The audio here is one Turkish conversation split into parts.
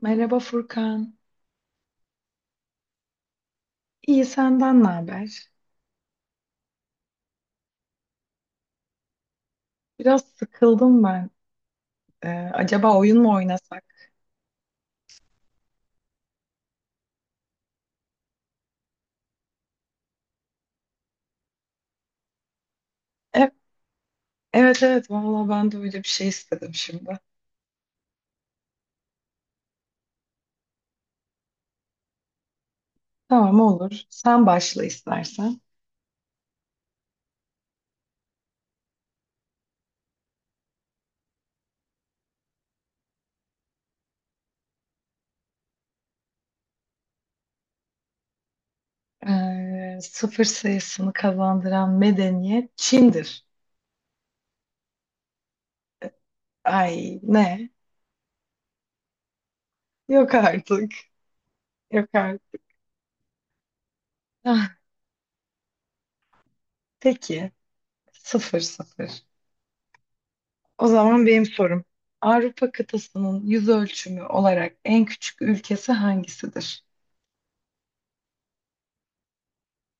Merhaba Furkan. İyi senden ne haber? Biraz sıkıldım ben. Ee, acaba oyun mu oynasak? E- evet evet valla ben de öyle bir şey istedim şimdi. Tamam olur. Sen başla istersen. Sıfır sayısını kazandıran medeniyet Çin'dir. Ay ne? Yok artık. Yok artık. Ah, peki. 0-0. O zaman benim sorum. Avrupa kıtasının yüz ölçümü olarak en küçük ülkesi hangisidir?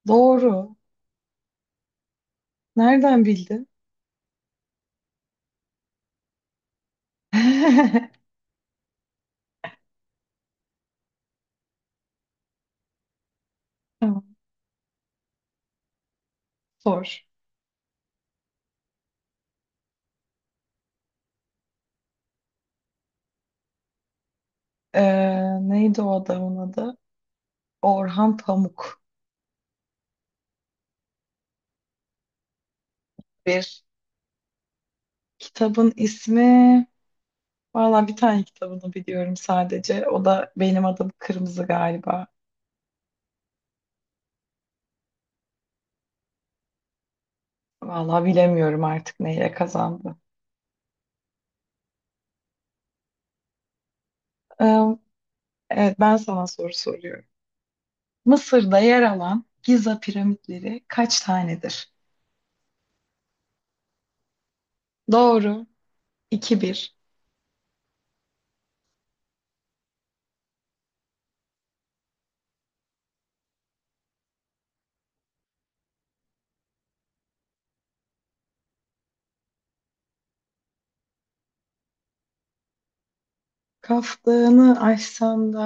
Doğru. Nereden bildin? Tamam. Sor. Ee, neydi o adamın adı? Orhan Pamuk. Bir kitabın ismi. Valla bir tane kitabını biliyorum sadece. O da benim adım Kırmızı galiba. Valla bilemiyorum artık neyle kazandı. Ee, evet ben sana soru soruyorum. Mısır'da yer alan Giza piramitleri kaç tanedir? Doğru. 2 bir. Kaf Dağı'nı aşsan da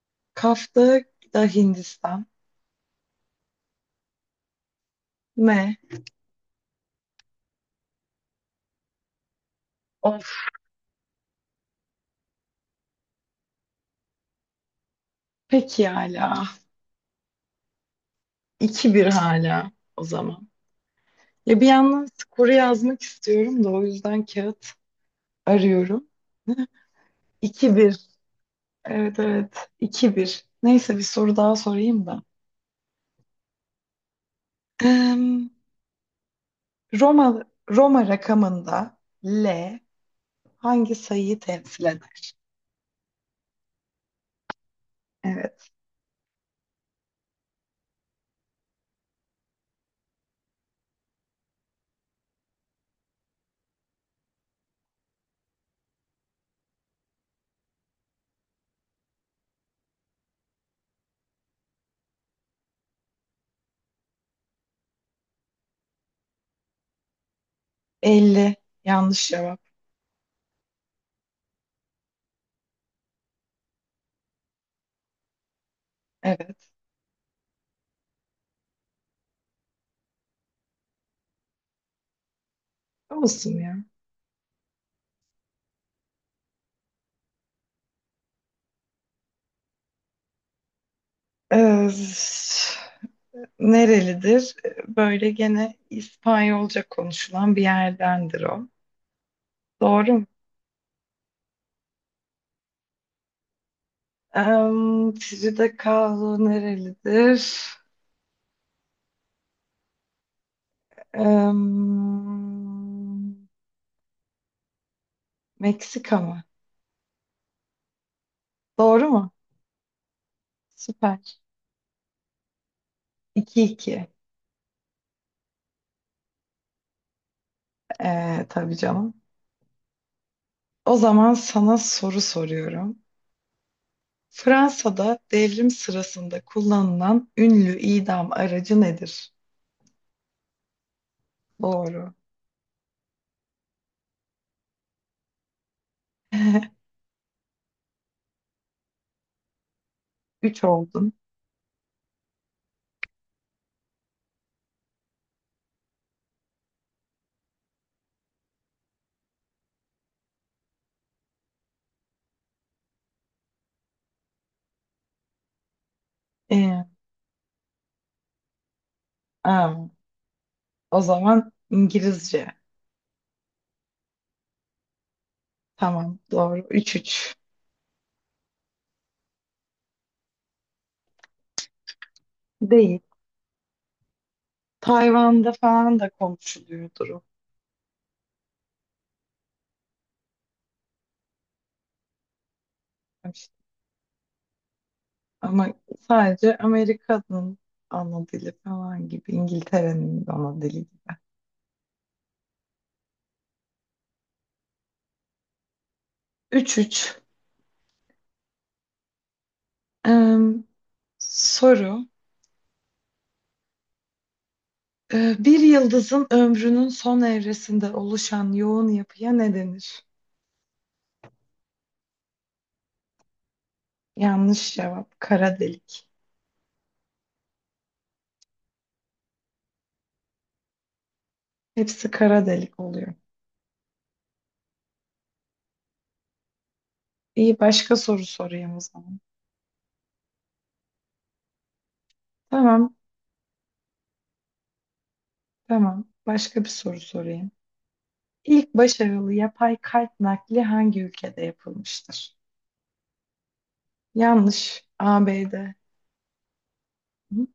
Kaf Dağı da Hindistan. Ne? Of, peki hala. 2-1 hala o zaman. Ya bir yandan skoru yazmak istiyorum da o yüzden kağıt arıyorum. 2-1. Evet, evet. 2-1. Neyse, bir soru daha sorayım da. Em, Roma rakamında L hangi sayıyı temsil eder? Evet. Elli. Yanlış cevap. Evet. Olsun ya. Ee, Nerelidir? Böyle gene İspanyolca konuşulan bir yerdendir o. Doğru mu? Frida Kahlo nerelidir? Em, Meksika mı? Doğru mu? Süper. 2-2. Tabii canım. O zaman sana soru soruyorum. Fransa'da devrim sırasında kullanılan ünlü idam aracı nedir? Doğru. Üç oldun. Ee, aa. O zaman İngilizce. Tamam doğru. 3-3. Değil. Tayvan'da falan da konuşuluyordur o. İşte, ama sadece Amerika'nın ana dili falan gibi. İngiltere'nin ana dili gibi. 3-3. Ee, soru. Bir yıldızın ömrünün son evresinde oluşan yoğun yapıya ne denir? Yanlış cevap. Kara delik. Hepsi kara delik oluyor. İyi başka soru sorayım o zaman. Tamam, tamam. Başka bir soru sorayım. İlk başarılı yapay kalp nakli hangi ülkede yapılmıştır? Yanlış. ABD. Hı?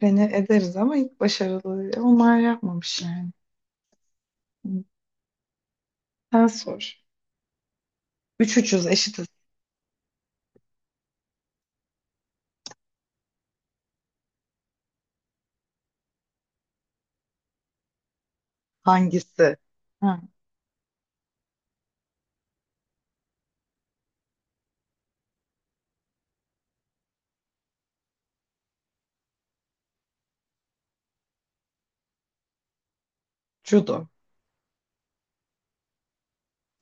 Beni ederiz ama ilk başarılı onlar yapmamış yani. Hı. Sen sor. Üç ucuz eşitiz. Hangisi? Ha, judo.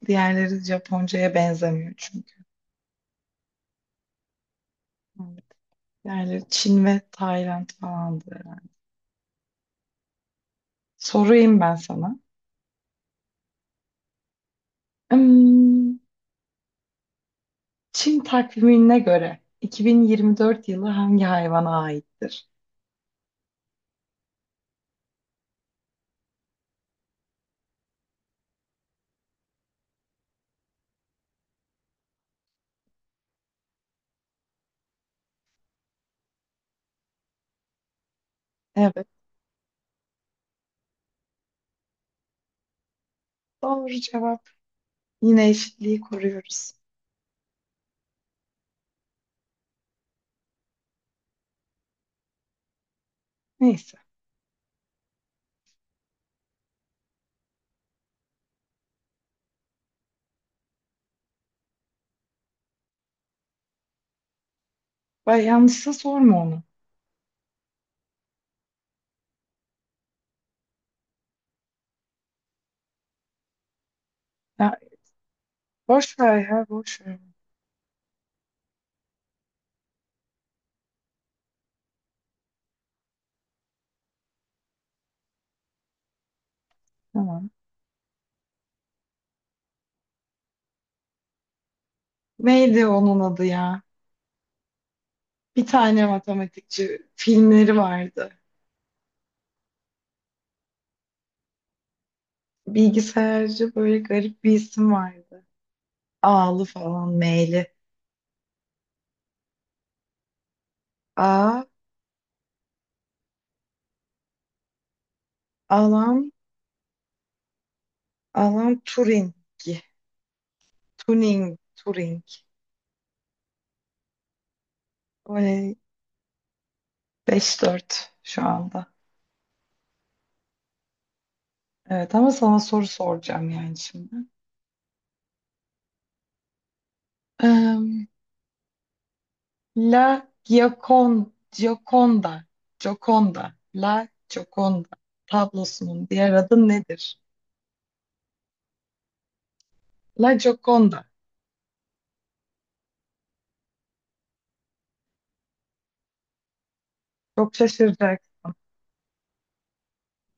Diğerleri Japonca'ya benzemiyor çünkü. Evet. Diğerleri Çin ve Tayland falandı herhalde. Sorayım ben sana. Hmm, Çin takvimine göre 2024 yılı hangi hayvana aittir? Evet, doğru cevap. Yine eşitliği koruyoruz. Neyse. Bay yanlışsa sorma onu. Ya, boş ver ya, boş ver. Tamam. Neydi onun adı ya? Bir tane matematikçi filmleri vardı. Bilgisayarcı böyle garip bir isim vardı. Ağlı falan meyli. A, Alan, Alan Turing. Turing, Turing. Böyle 5-4 şu anda. Evet ama sana soru soracağım yani şimdi. Eee, La Giacon, Gioconda, Gioconda, La Gioconda tablosunun diğer adı nedir? La Gioconda. Çok şaşıracaksın.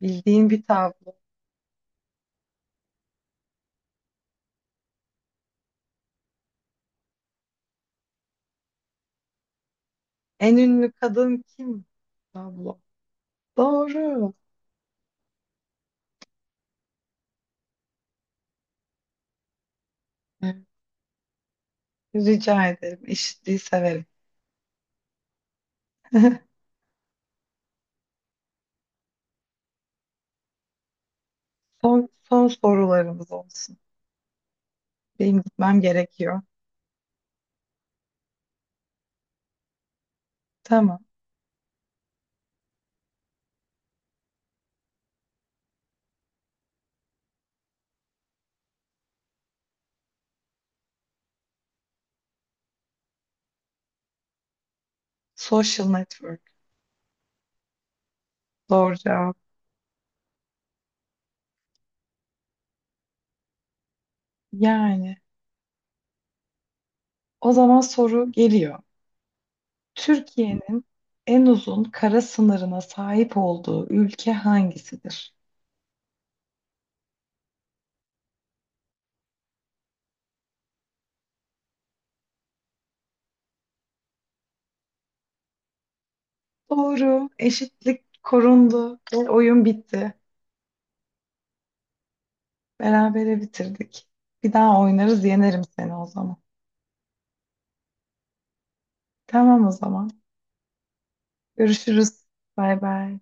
Bildiğin bir tablo. En ünlü kadın kim? Tablo. Doğru. Evet, rica ederim. Eşitliği severim. Son, son sorularımız olsun. Benim gitmem gerekiyor. Tamam. Social network. Doğru cevap. Yani. O zaman soru geliyor. Türkiye'nin en uzun kara sınırına sahip olduğu ülke hangisidir? Doğru, eşitlik korundu ve oyun bitti. Berabere bitirdik. Bir daha oynarız, yenerim seni o zaman. Tamam o zaman. Görüşürüz. Bay bay.